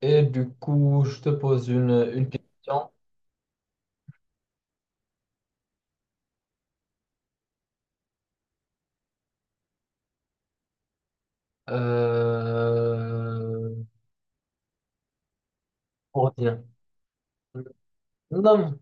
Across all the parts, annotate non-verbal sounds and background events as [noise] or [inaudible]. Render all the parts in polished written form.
Et du coup, je te pose une question. Euh... Ordinateur. Non, non,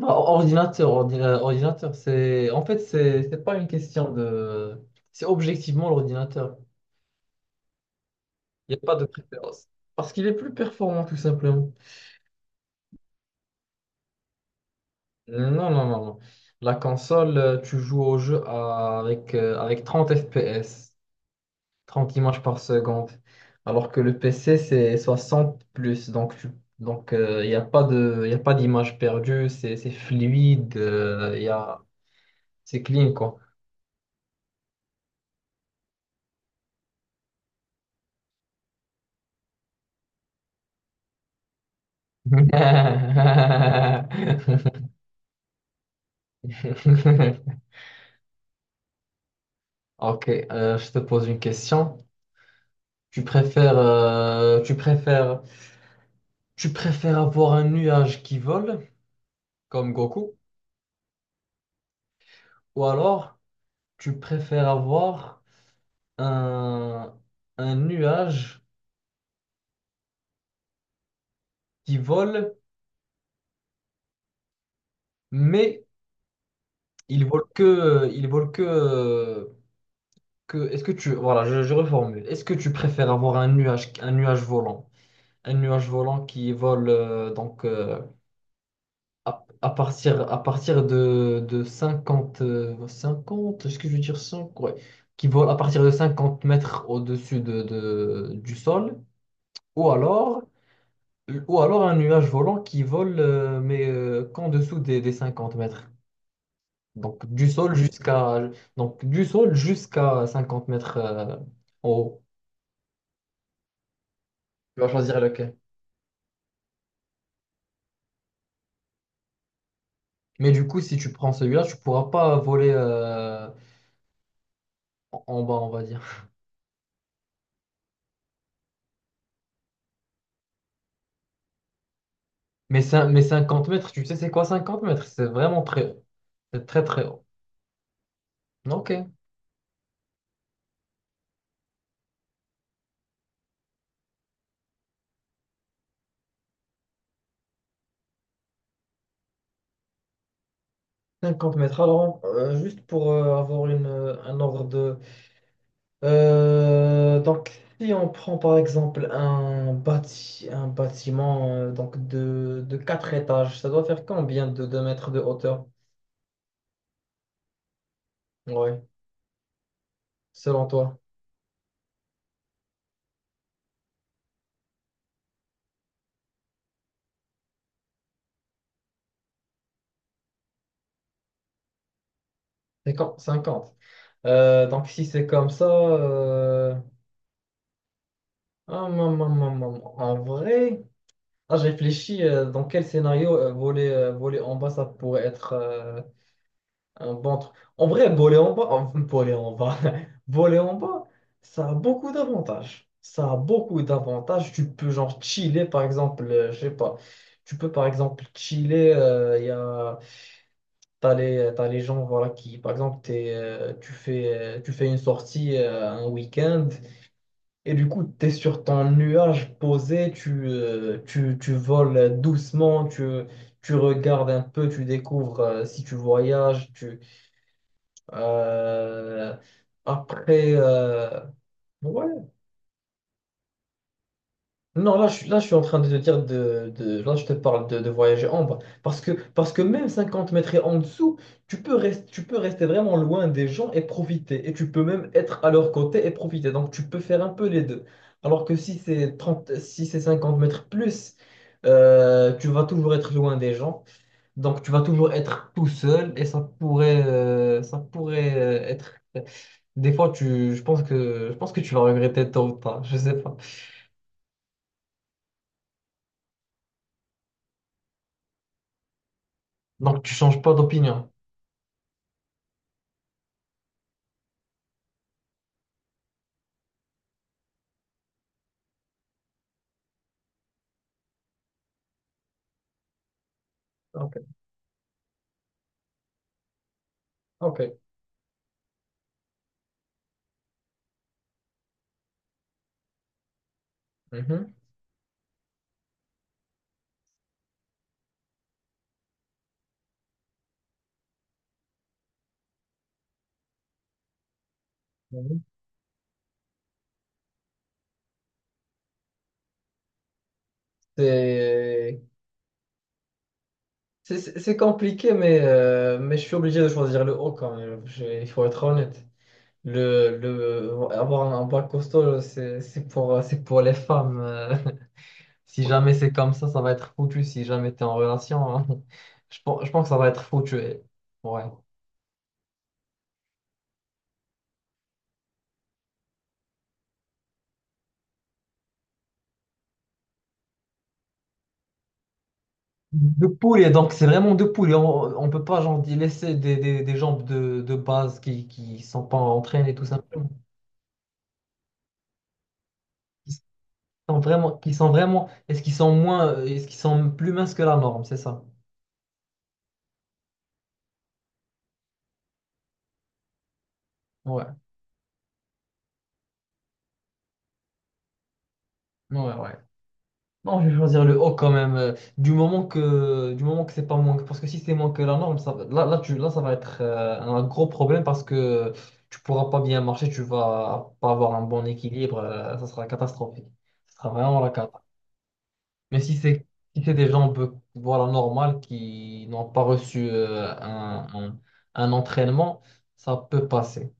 bah, ordinateur, ordinateur, c'est... En fait, c'est pas une question de... C'est objectivement l'ordinateur. Il n'y a pas de préférence. Parce qu'il est plus performant, tout simplement. Non, non, non, non. La console, tu joues au jeu avec 30 FPS, 30 images par seconde. Alors que le PC, c'est 60 plus. Donc, il n'y a pas de, y a pas d'image perdue. C'est fluide. C'est clean, quoi. [laughs] Ok, je te pose une question. Tu préfères, euh, tu préfères, tu préfères avoir un nuage qui vole, comme Goku, ou alors tu préfères avoir un, un nuage qui vole. Mais ils volent que, que. Est-ce que voilà, je reformule. Est-ce que tu préfères avoir un nuage volant qui vole, donc, à partir de 50, 50, est-ce que je veux dire 5, ouais, qui vole à partir de 50 mètres au-dessus du sol, ou alors, ou alors un nuage volant qui vole, qu'en dessous des 50 mètres. Donc du sol jusqu'à donc du sol jusqu'à 50 mètres, en haut. Tu vas choisir lequel? Mais du coup, si tu prends celui-là, tu pourras pas voler, en bas, on va dire. Mais 50 mètres, tu sais c'est quoi 50 mètres? C'est vraiment très haut. C'est très très haut. Ok. Cinquante mètres. Alors, juste pour avoir un ordre de... Donc, si on prend par exemple un bâtiment, donc de 4 étages, ça doit faire combien de 2 mètres de hauteur? Oui, selon toi. 50. 50. Donc, si c'est comme ça, En vrai, ah, j'ai réfléchi, dans quel scénario, voler en bas, ça pourrait être, un bon truc. En vrai, voler en bas, [laughs] voler en bas, [laughs] voler en bas, ça a beaucoup d'avantages. Ça a beaucoup d'avantages. Tu peux, genre, chiller, par exemple, je sais pas. Tu peux, par exemple, chiller. T'as les gens, voilà, qui, par exemple, tu fais une sortie, un week-end, et du coup, tu es sur ton nuage posé, tu voles doucement, tu regardes un peu, tu découvres, si tu voyages. Euh, Après, ouais. Non, là, je suis en train de te dire là, je te parle de voyager en bas. Parce que même 50 mètres et en dessous, tu peux rester vraiment loin des gens et profiter. Et tu peux même être à leur côté et profiter. Donc, tu peux faire un peu les deux. Alors que si c'est 50 mètres plus, tu vas toujours être loin des gens. Donc, tu vas toujours être tout seul et ça pourrait être. Des fois, je pense que tu vas regretter tôt ou tard. Je sais pas. Donc, tu changes pas d'opinion. Ok, ok. Mhm. Mhm. C'est c'est compliqué, mais je suis obligé de choisir le haut quand même. Il faut être honnête. Avoir un bac costaud, c'est pour les femmes. [laughs] Si jamais c'est comme ça va être foutu. Si jamais tu es en relation, hein. Je pense que ça va être foutu. Ouais. De poulet, donc c'est vraiment de poulet. On peut pas, genre, y laisser des jambes de base qui sont pas entraînées, tout simplement. Sont vraiment, qui sont vraiment, est-ce qu'ils sont est-ce qu'ils sont plus minces que la norme, c'est ça? Ouais, ouais, ouais. Non, je vais choisir le haut quand même. Du moment que c'est pas moins, parce que si c'est moins que la norme, là, là, ça va être, un gros problème parce que tu pourras pas bien marcher, tu vas pas avoir un bon équilibre, ça sera catastrophique. Ça sera vraiment la cata. Mais si c'est des gens un peu, voilà, normales qui n'ont pas reçu, un entraînement, ça peut passer.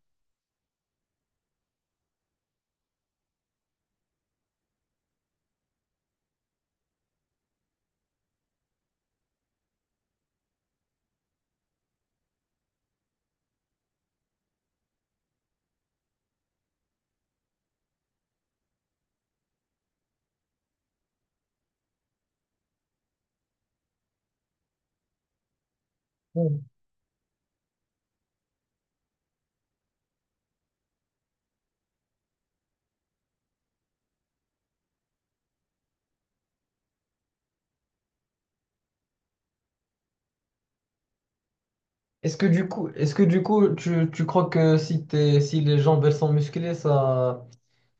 Est-ce que du coup, tu crois que si les jambes elles sont musclées, ça,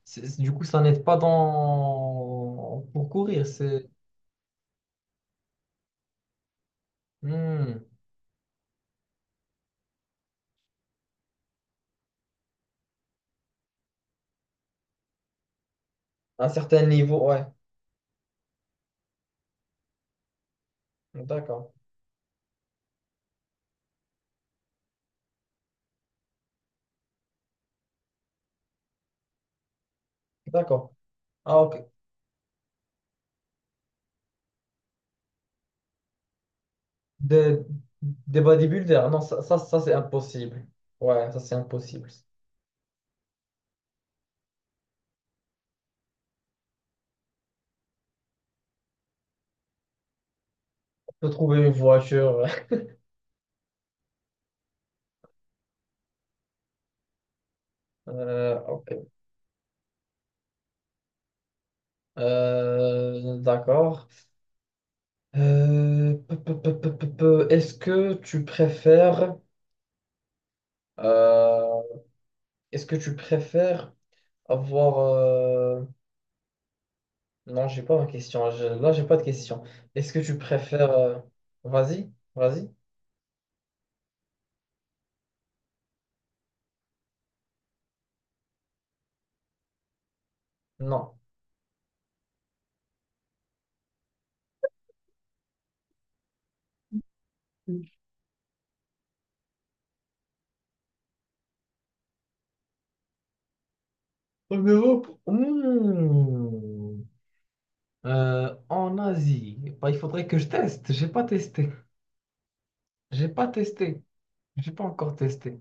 du coup, ça n'aide pas dans pour courir. C'est Hmm. À un certain niveau, ouais. D'accord, d'accord. Ah ok. Des, des bodybuilders, non, ça, c'est impossible. Ouais, ça c'est impossible. On peut trouver une voiture. [laughs] Ok. D'accord. Peu, peu, peu, peu, peu, peu. Est-ce que tu préfères, euh, est-ce que tu préfères avoir. Non, j'ai pas ma question. Là, j'ai pas de question. Est-ce que tu préfères. Vas-y, vas-y. Non. En Europe. Mmh. En Asie. Bah, il faudrait que je teste. J'ai pas testé. J'ai pas testé. J'ai pas encore testé.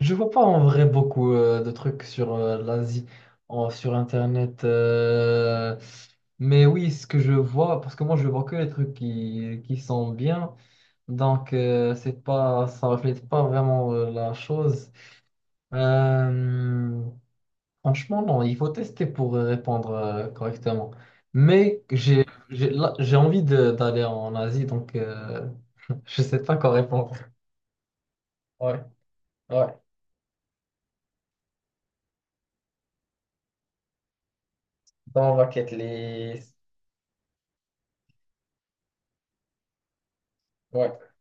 Je vois pas en vrai beaucoup, de trucs sur, l'Asie, sur Internet. Mais oui, ce que je vois, parce que moi je vois que les trucs qui sont bien. Donc, c'est pas, ça reflète pas vraiment, la chose. Euh, Franchement, non, il faut tester pour, répondre, correctement. Mais j'ai envie d'aller en Asie, donc. [laughs] Je sais pas quoi répondre. Ouais, ouais. Dans ma quête list. Ouais.